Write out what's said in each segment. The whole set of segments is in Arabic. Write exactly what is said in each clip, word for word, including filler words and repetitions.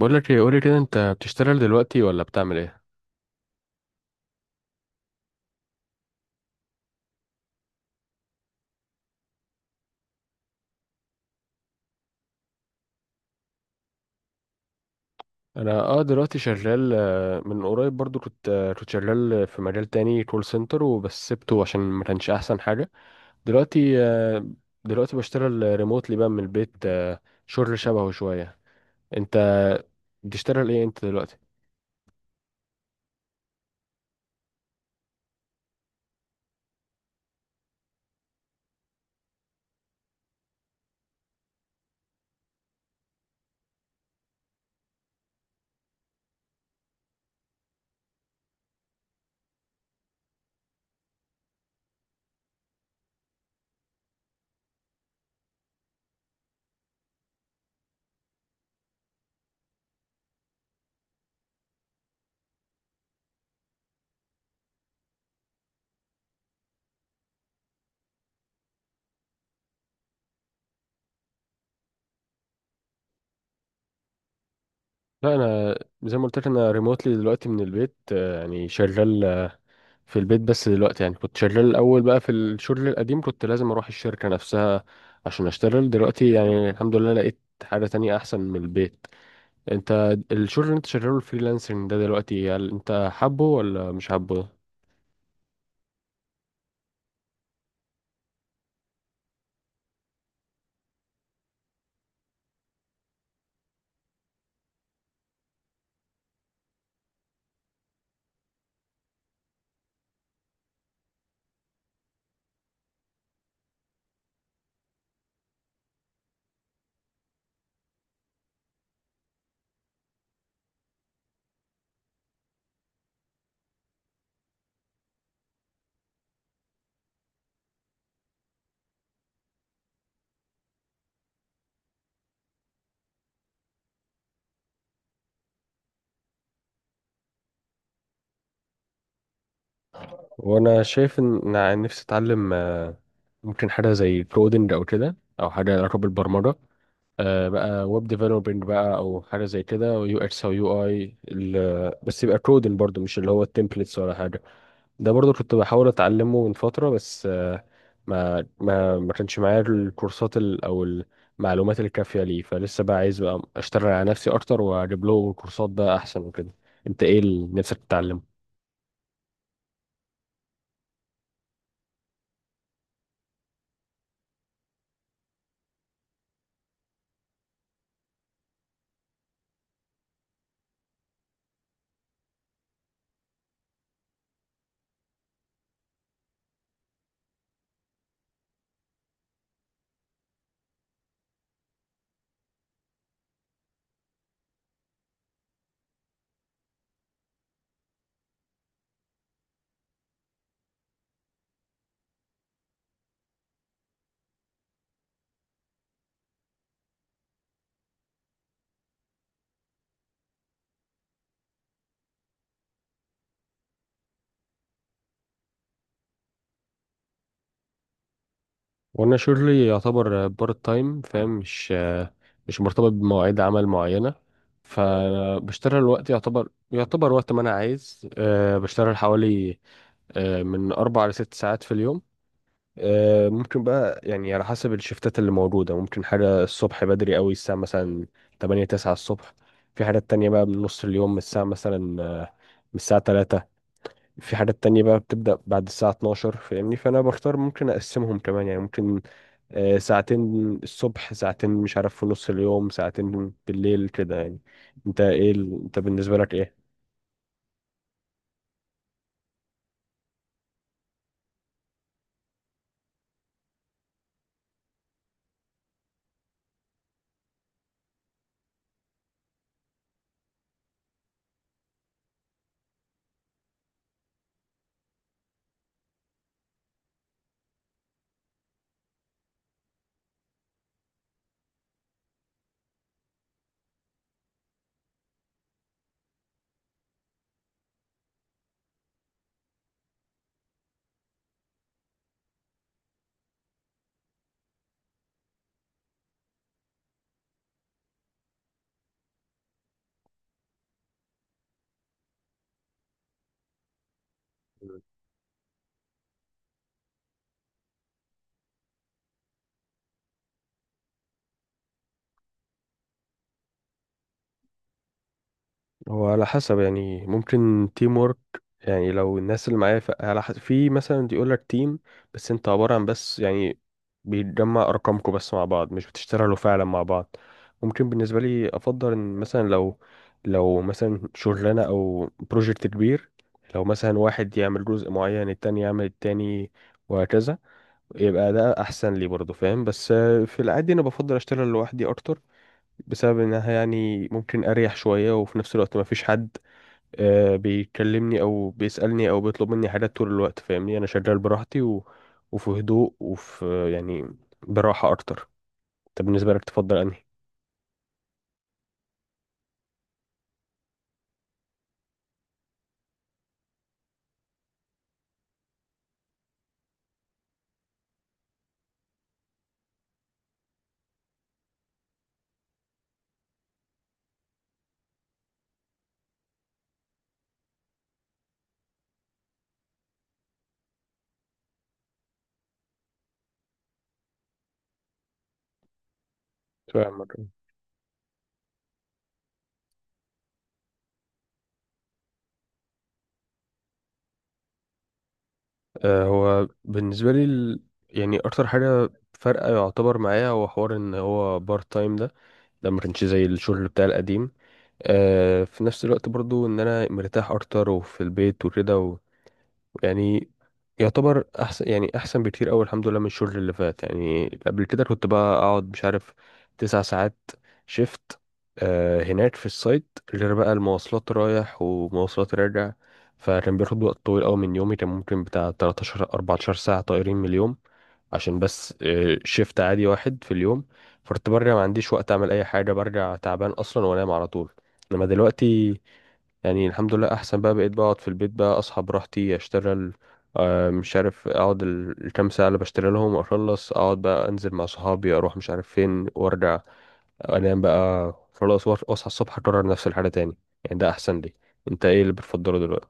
بقول لك ايه؟ قولي كده، انت بتشتغل دلوقتي ولا بتعمل ايه؟ انا اه دلوقتي شغال. آه، من قريب برضو كنت آه، كنت شغال في مجال تاني، كول سنتر، وبس سبته عشان ما كانش احسن حاجه. دلوقتي آه، دلوقتي بشتغل ريموتلي بقى من البيت. آه، شغل شبهه شويه. انت بتشتغل ايه انت دلوقتي؟ لا، انا زي ما قلت لك، انا ريموتلي دلوقتي من البيت، آه، يعني شغال في البيت. بس دلوقتي يعني كنت شغال الأول بقى في الشغل القديم، كنت لازم أروح الشركة نفسها عشان أشتغل. دلوقتي يعني الحمد لله لقيت حاجة تانية أحسن من البيت. أنت الشغل اللي أنت شغاله، الفريلانسنج ده دلوقتي، هل أنت حابه ولا مش حابه؟ وأنا شايف إن إن أنا نفسي أتعلم، آه، ممكن حاجة زي كودنج أو كده، أو حاجة لها علاقة بالبرمجة. آه، بقى ويب ديفلوبينج بقى، أو حاجة زي كده، ويو إكس أو يو آي. بس يبقى كودنج برضه، مش اللي هو التمبلتس ولا حاجة. ده برضو كنت بحاول اتعلمه من فترة، بس آه، ما ما ما كانش معايا الكورسات ال- او المعلومات الكافية ليه. فلسه بقى عايز بقى اشتغل على نفسي اكتر واجيب له كورسات بقى احسن وكده. انت ايه اللي نفسك تتعلمه؟ وانا شغلي يعتبر بارت تايم، فاهم، مش آه، مش مرتبط بمواعيد عمل معينة. فبشتغل وقت، يعتبر يعتبر وقت ما انا عايز. آه، بشتغل حوالي، آه، من اربع لست ساعات في اليوم. آه، ممكن بقى يعني على حسب الشفتات اللي موجودة، ممكن حاجة الصبح بدري قوي، الساعة مثلا تمانية تسعة الصبح. في حاجات تانية بقى من نص اليوم، من الساعة مثلا، آه، من الساعة تلاتة. في حاجات تانية بقى بتبدأ بعد الساعة اتناشر، فاهمني. فأنا بختار، ممكن أقسمهم كمان، يعني ممكن آه، ساعتين الصبح، ساعتين مش عارف في نص اليوم، ساعتين بالليل كده يعني. أنت إيه ال- أنت بالنسبة لك إيه؟ هو على حسب، يعني ممكن تيم وورك، يعني لو الناس اللي معايا ف- على حسب. في مثلا يقول لك تيم، بس انت عبارة عن، بس يعني بيتجمع ارقامكم بس مع بعض، مش بتشتغلوا فعلا مع بعض. ممكن بالنسبة لي افضل ان مثلا لو لو مثلا شغلانة او بروجكت كبير، لو مثلا واحد يعمل جزء معين، التاني يعمل التاني، وهكذا، يبقى ده احسن لي برضه، فاهم. بس آه، في العادي انا بفضل اشتغل لوحدي اكتر، بسبب انها يعني ممكن اريح شوية، وفي نفس الوقت ما فيش حد آه بيكلمني او بيسألني او بيطلب مني حاجات طول الوقت، فاهمني. انا شغال براحتي و... وفي هدوء، وفي يعني براحة اكتر. طب بالنسبة لك تفضل انهي؟ فاهمك، آه. هو بالنسبة لي ال... يعني اكتر حاجة فارقة يعتبر معايا هو حوار ان هو بارت تايم ده. ده ما كانش زي الشغل بتاع القديم. آه في نفس الوقت برضو ان انا مرتاح اكتر وفي البيت وكده، و... يعني يعتبر احسن، يعني احسن بكتير قوي الحمد لله من الشغل اللي فات. يعني قبل كده كنت بقى اقعد، مش عارف، تسع ساعات شيفت آه هناك في السايت، غير بقى المواصلات رايح ومواصلات راجع. فكان بياخد وقت طويل قوي من يومي، كان ممكن بتاع ثلاثة عشر اربعة عشر ساعة طايرين من اليوم، عشان بس آه شيفت عادي واحد في اليوم. فكنت برجع ما عنديش وقت اعمل اي حاجة، برجع تعبان اصلا وانام على طول. انما دلوقتي، يعني الحمد لله احسن بقى، بقيت بقعد في البيت بقى، اصحى براحتي، اشتغل. آه، مش عارف اقعد ال- الكام ساعه اللي بشتغل لهم، اخلص، اقعد بقى، انزل مع صحابي، اروح مش عارف فين، وارجع انام بقى خلاص، وأص- واصحى الصبح اكرر نفس الحاجه تاني. يعني ده احسن لي. انت ايه اللي بتفضله دلوقتي؟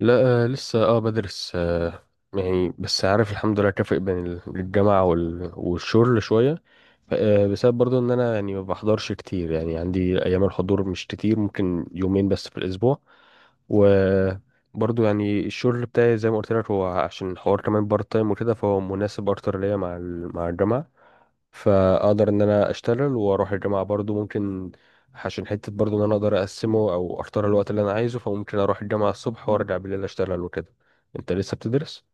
لا، آه، لسه اه بدرس آه يعني بس عارف الحمد لله، كافئ بين ال- الجامعة وال- والشغل شوية. ف- آه، بسبب برضو ان انا يعني ما بحضرش كتير، يعني عندي ايام الحضور مش كتير، ممكن يومين بس في الاسبوع. وبرضو يعني الشغل بتاعي زي ما قلت لك، هو عشان حوار كمان بارت تايم وكده، فهو مناسب اكتر ليا مع ال- مع الجامعه. فاقدر ان انا اشتغل واروح الجامعه برضو. ممكن عشان حته برضو ان انا اقدر اقسمه او اختار الوقت اللي انا عايزه، فممكن اروح الجامعه الصبح وارجع بالليل اشتغل وكده. انت لسه بتدرس؟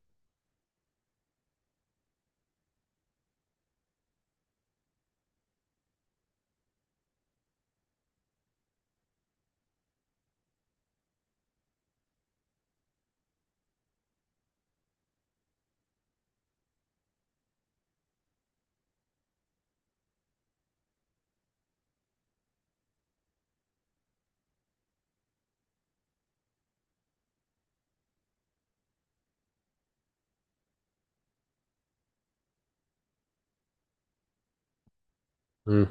امم.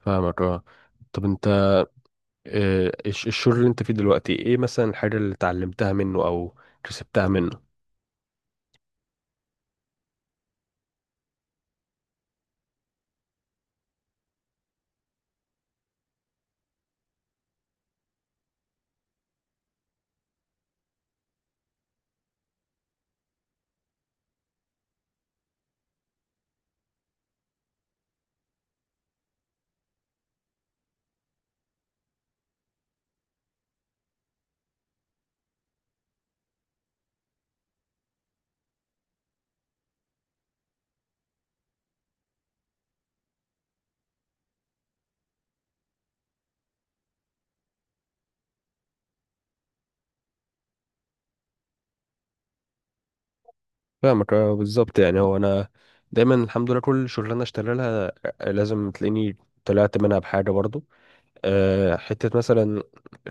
فاهمك، اه. طب انت، آه، الش- الشغل اللي انت فيه دلوقتي، ايه مثلا الحاجه اللي اتعلمتها منه او كسبتها منه؟ فاهمك، اه، بالظبط. يعني هو انا دايما الحمد لله كل شغلانه اشتغل لها لازم تلاقيني طلعت منها بحاجه برضو. أه، حته مثلا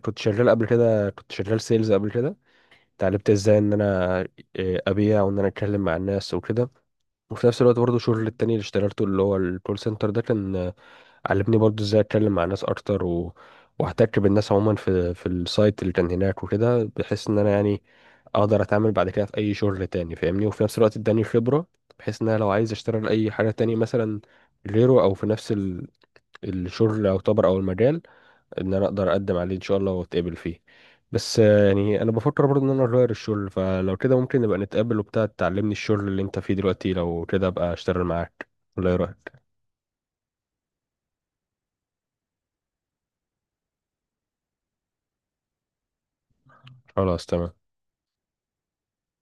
كنت شغال قبل كده، كنت شغال سيلز قبل كده. اتعلمت ازاي ان انا آه، ابيع، وان انا اتكلم مع الناس وكده. وفي نفس الوقت برضو الشغل التاني اللي اشتغلته، اللي هو الكول سنتر ده، كان علمني برضو ازاي اتكلم مع ناس اكتر، و... واحتك بالناس عموما في في السايت اللي كان هناك وكده، بحيث ان انا يعني اقدر اتعامل بعد كده في اي شغل تاني، فاهمني. وفي نفس الوقت اداني خبرة، بحيث ان انا لو عايز اشتغل اي حاجة تاني مثلا غيره، او في نفس ال... الشغل او طبر او المجال، ان انا اقدر اقدم عليه ان شاء الله واتقبل فيه. بس آه، يعني انا بفكر برضه ان انا اغير الشغل، فلو كده ممكن نبقى نتقابل وبتاع تعلمني الشغل اللي انت فيه دلوقتي، لو كده ابقى اشتغل معاك، ولا ايه رايك؟ خلاص تمام.